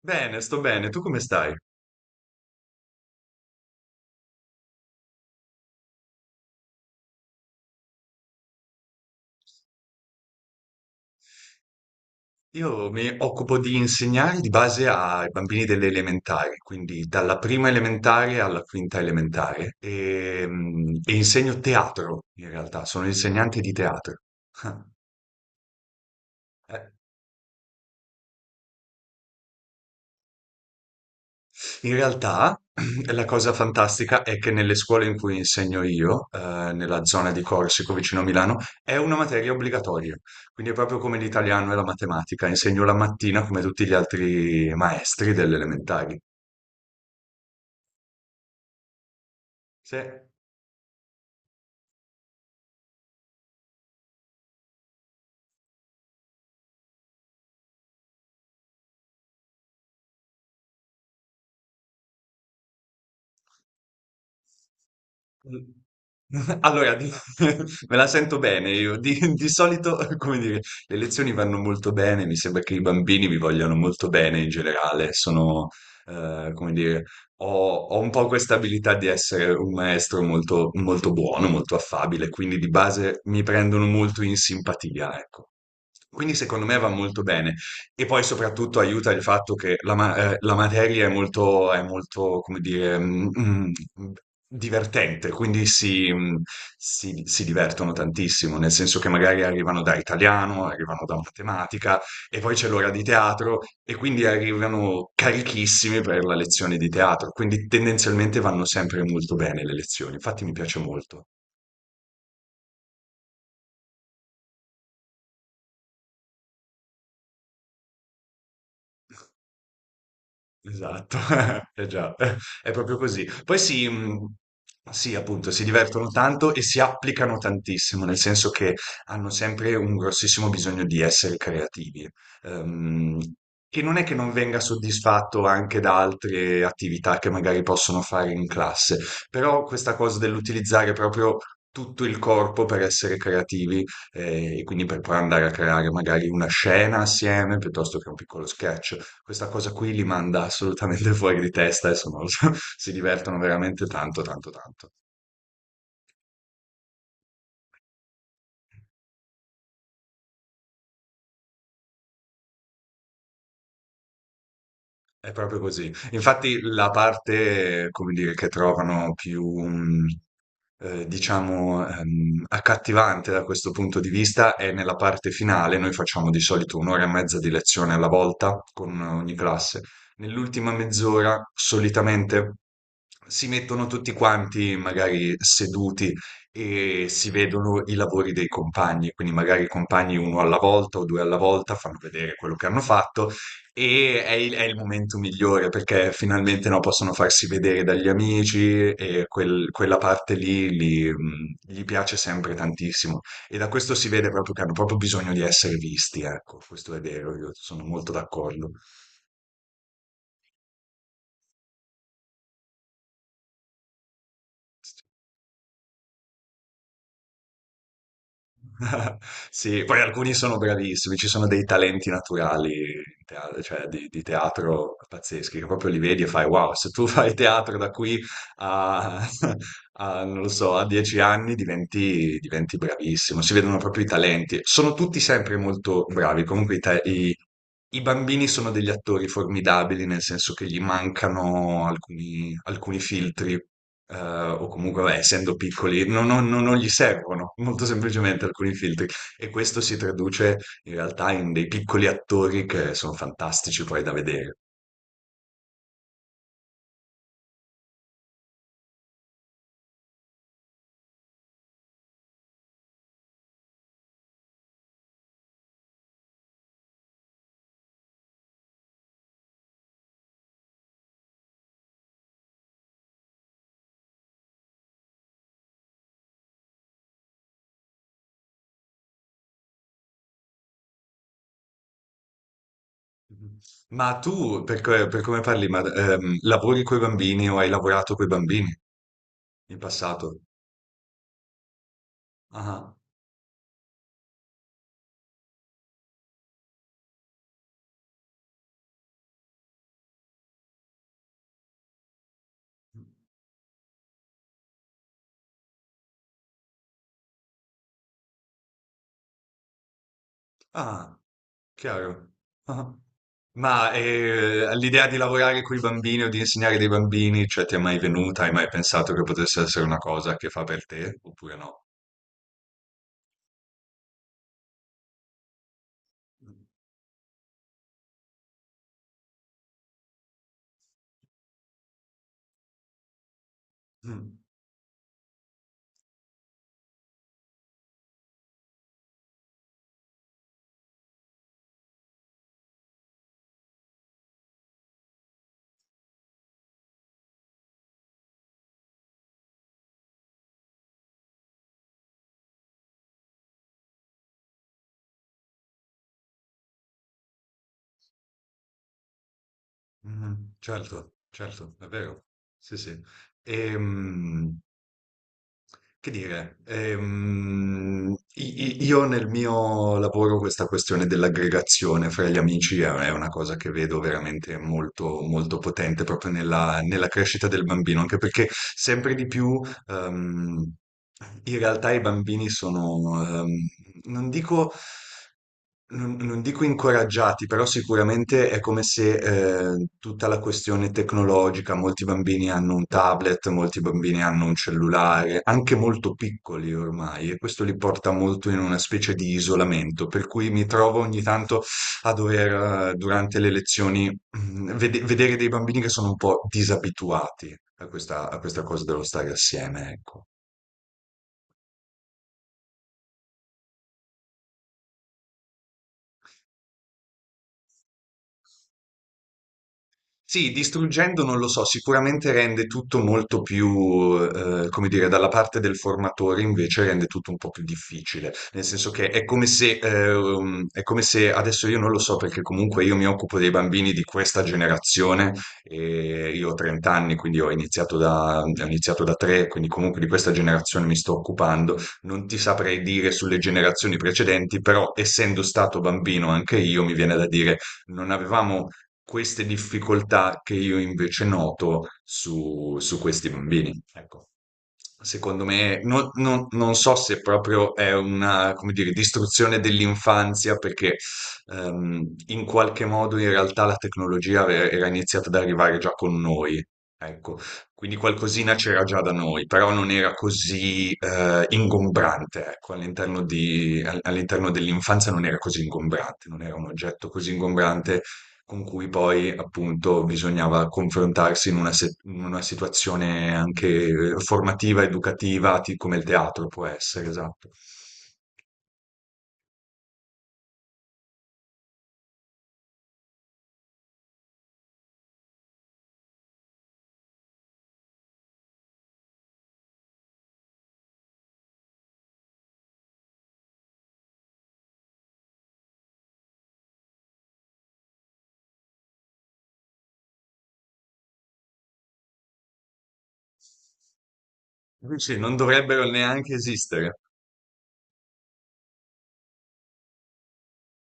Bene, sto bene. Tu come stai? Io mi occupo di insegnare di base ai bambini delle elementari, quindi dalla prima elementare alla quinta elementare, e insegno teatro in realtà, sono insegnante di teatro. Eh, In realtà la cosa fantastica è che nelle scuole in cui insegno io, nella zona di Corsico vicino a Milano, è una materia obbligatoria, quindi è proprio come l'italiano e la matematica, insegno la mattina come tutti gli altri maestri delle elementari. Se allora di me la sento bene io. Di solito, come dire, le lezioni vanno molto bene, mi sembra che i bambini mi vogliano molto bene in generale. Sono, come dire, ho un po' questa abilità di essere un maestro molto molto buono, molto affabile, quindi di base mi prendono molto in simpatia, ecco. Quindi secondo me va molto bene. E poi soprattutto aiuta il fatto che la, la materia è molto, come dire, divertente, quindi si, si divertono tantissimo, nel senso che magari arrivano da italiano, arrivano da matematica e poi c'è l'ora di teatro e quindi arrivano carichissimi per la lezione di teatro, quindi tendenzialmente vanno sempre molto bene le lezioni, infatti mi piace molto. Esatto, eh già, è proprio così. Poi si, mhmm, sì, appunto, si divertono tanto e si applicano tantissimo, nel senso che hanno sempre un grossissimo bisogno di essere creativi, ehm, che non è che non venga soddisfatto anche da altre attività che magari possono fare in classe, però questa cosa dell'utilizzare proprio tutto il corpo per essere creativi, e quindi per poi andare a creare magari una scena assieme, piuttosto che un piccolo sketch, questa cosa qui li manda assolutamente fuori di testa, adesso non lo so, si divertono veramente tanto, tanto, tanto. È proprio così. Infatti la parte, come dire, che trovano più, diciamo, accattivante da questo punto di vista è nella parte finale. Noi facciamo di solito un'ora e mezza di lezione alla volta con ogni classe. Nell'ultima mezz'ora solitamente si mettono tutti quanti magari seduti e si vedono i lavori dei compagni, quindi magari i compagni uno alla volta o due alla volta fanno vedere quello che hanno fatto e è il momento migliore perché finalmente no, possono farsi vedere dagli amici e quella parte lì gli piace sempre tantissimo. E da questo si vede proprio che hanno proprio bisogno di essere visti, ecco, questo è vero, io sono molto d'accordo. Sì, poi alcuni sono bravissimi, ci sono dei talenti naturali cioè di teatro pazzeschi, che proprio li vedi e fai wow, se tu fai teatro da qui a, a, non lo so, a 10 anni diventi, diventi bravissimo, si vedono proprio i talenti. Sono tutti sempre molto bravi, comunque i bambini sono degli attori formidabili, nel senso che gli mancano alcuni, alcuni filtri, o comunque, vabbè, essendo piccoli, non gli servono molto semplicemente alcuni filtri. E questo si traduce in realtà in dei piccoli attori che sono fantastici poi da vedere. Ma tu, per come parli, lavori coi bambini o hai lavorato coi bambini in passato? Ah, ah. Chiaro. Ah. Ma l'idea di lavorare con i bambini o di insegnare dei bambini, cioè ti è mai venuta? Hai mai pensato che potesse essere una cosa che fa per te oppure no? Mm, mm, Certo, certo, è vero. Sì, sì. Ehm, Che dire, io nel mio lavoro questa questione dell'aggregazione fra gli amici è una cosa che vedo veramente molto, molto potente proprio nella, nella crescita del bambino, anche perché sempre di più, ehm, in realtà i bambini sono, non dico non dico incoraggiati, però sicuramente è come se tutta la questione tecnologica, molti bambini hanno un tablet, molti bambini hanno un cellulare, anche molto piccoli ormai, e questo li porta molto in una specie di isolamento, per cui mi trovo ogni tanto a dover, durante le lezioni, vedere dei bambini che sono un po' disabituati a questa cosa dello stare assieme, ecco. Sì, distruggendo non lo so, sicuramente rende tutto molto più, come dire, dalla parte del formatore invece rende tutto un po' più difficile, nel senso che è come se, è come se adesso io non lo so perché comunque io mi occupo dei bambini di questa generazione, e io ho 30 anni, quindi ho iniziato da 3, quindi comunque di questa generazione mi sto occupando, non ti saprei dire sulle generazioni precedenti, però essendo stato bambino anche io mi viene da dire non avevamo queste difficoltà che io invece noto su, su questi bambini. Ecco. Secondo me, non so se proprio è una, come dire, distruzione dell'infanzia, perché in qualche modo in realtà la tecnologia era iniziata ad arrivare già con noi. Ecco, quindi qualcosina c'era già da noi, però non era così ingombrante, ecco, all'interno dell'infanzia non era così ingombrante, non era un oggetto così ingombrante con cui poi appunto bisognava confrontarsi in una, in una situazione anche formativa, educativa, come il teatro può essere, esatto. Sì, non dovrebbero neanche esistere.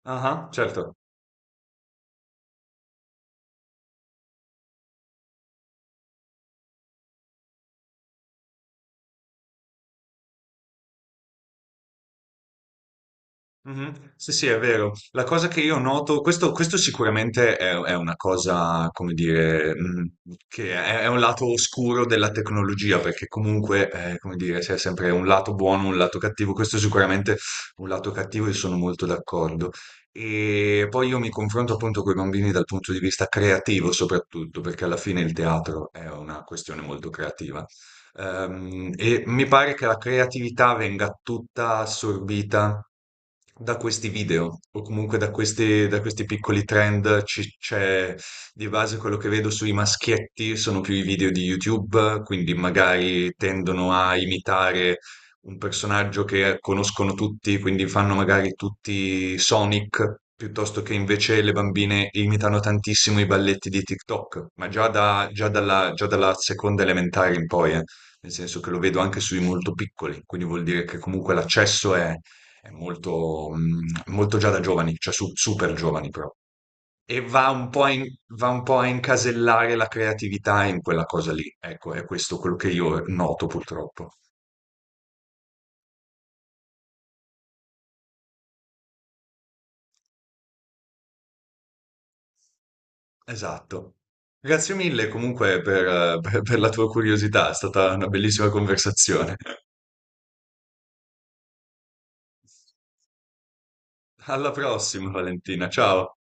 Ah, certo. Mhm. Sì, sì, è vero. La cosa che io noto, questo sicuramente è una cosa, come dire, che è un lato oscuro della tecnologia, perché comunque, come dire, c'è sempre un lato buono, un lato cattivo. Questo è sicuramente è un lato cattivo e sono molto d'accordo. E poi io mi confronto appunto con i bambini dal punto di vista creativo, soprattutto, perché alla fine il teatro è una questione molto creativa. E mi pare che la creatività venga tutta assorbita da questi video o comunque da questi piccoli trend. C'è di base quello che vedo sui maschietti, sono più i video di YouTube, quindi magari tendono a imitare un personaggio che conoscono tutti, quindi fanno magari tutti Sonic. Piuttosto che invece le bambine imitano tantissimo i balletti di TikTok, ma già dalla seconda elementare in poi, nel senso che lo vedo anche sui molto piccoli, quindi vuol dire che comunque l'accesso è molto, molto già da giovani, cioè super giovani però. E va un po' a incasellare la creatività in quella cosa lì. Ecco, è questo quello che io noto purtroppo. Esatto. Grazie mille comunque per, per la tua curiosità, è stata una bellissima conversazione. Alla prossima, Valentina. Ciao.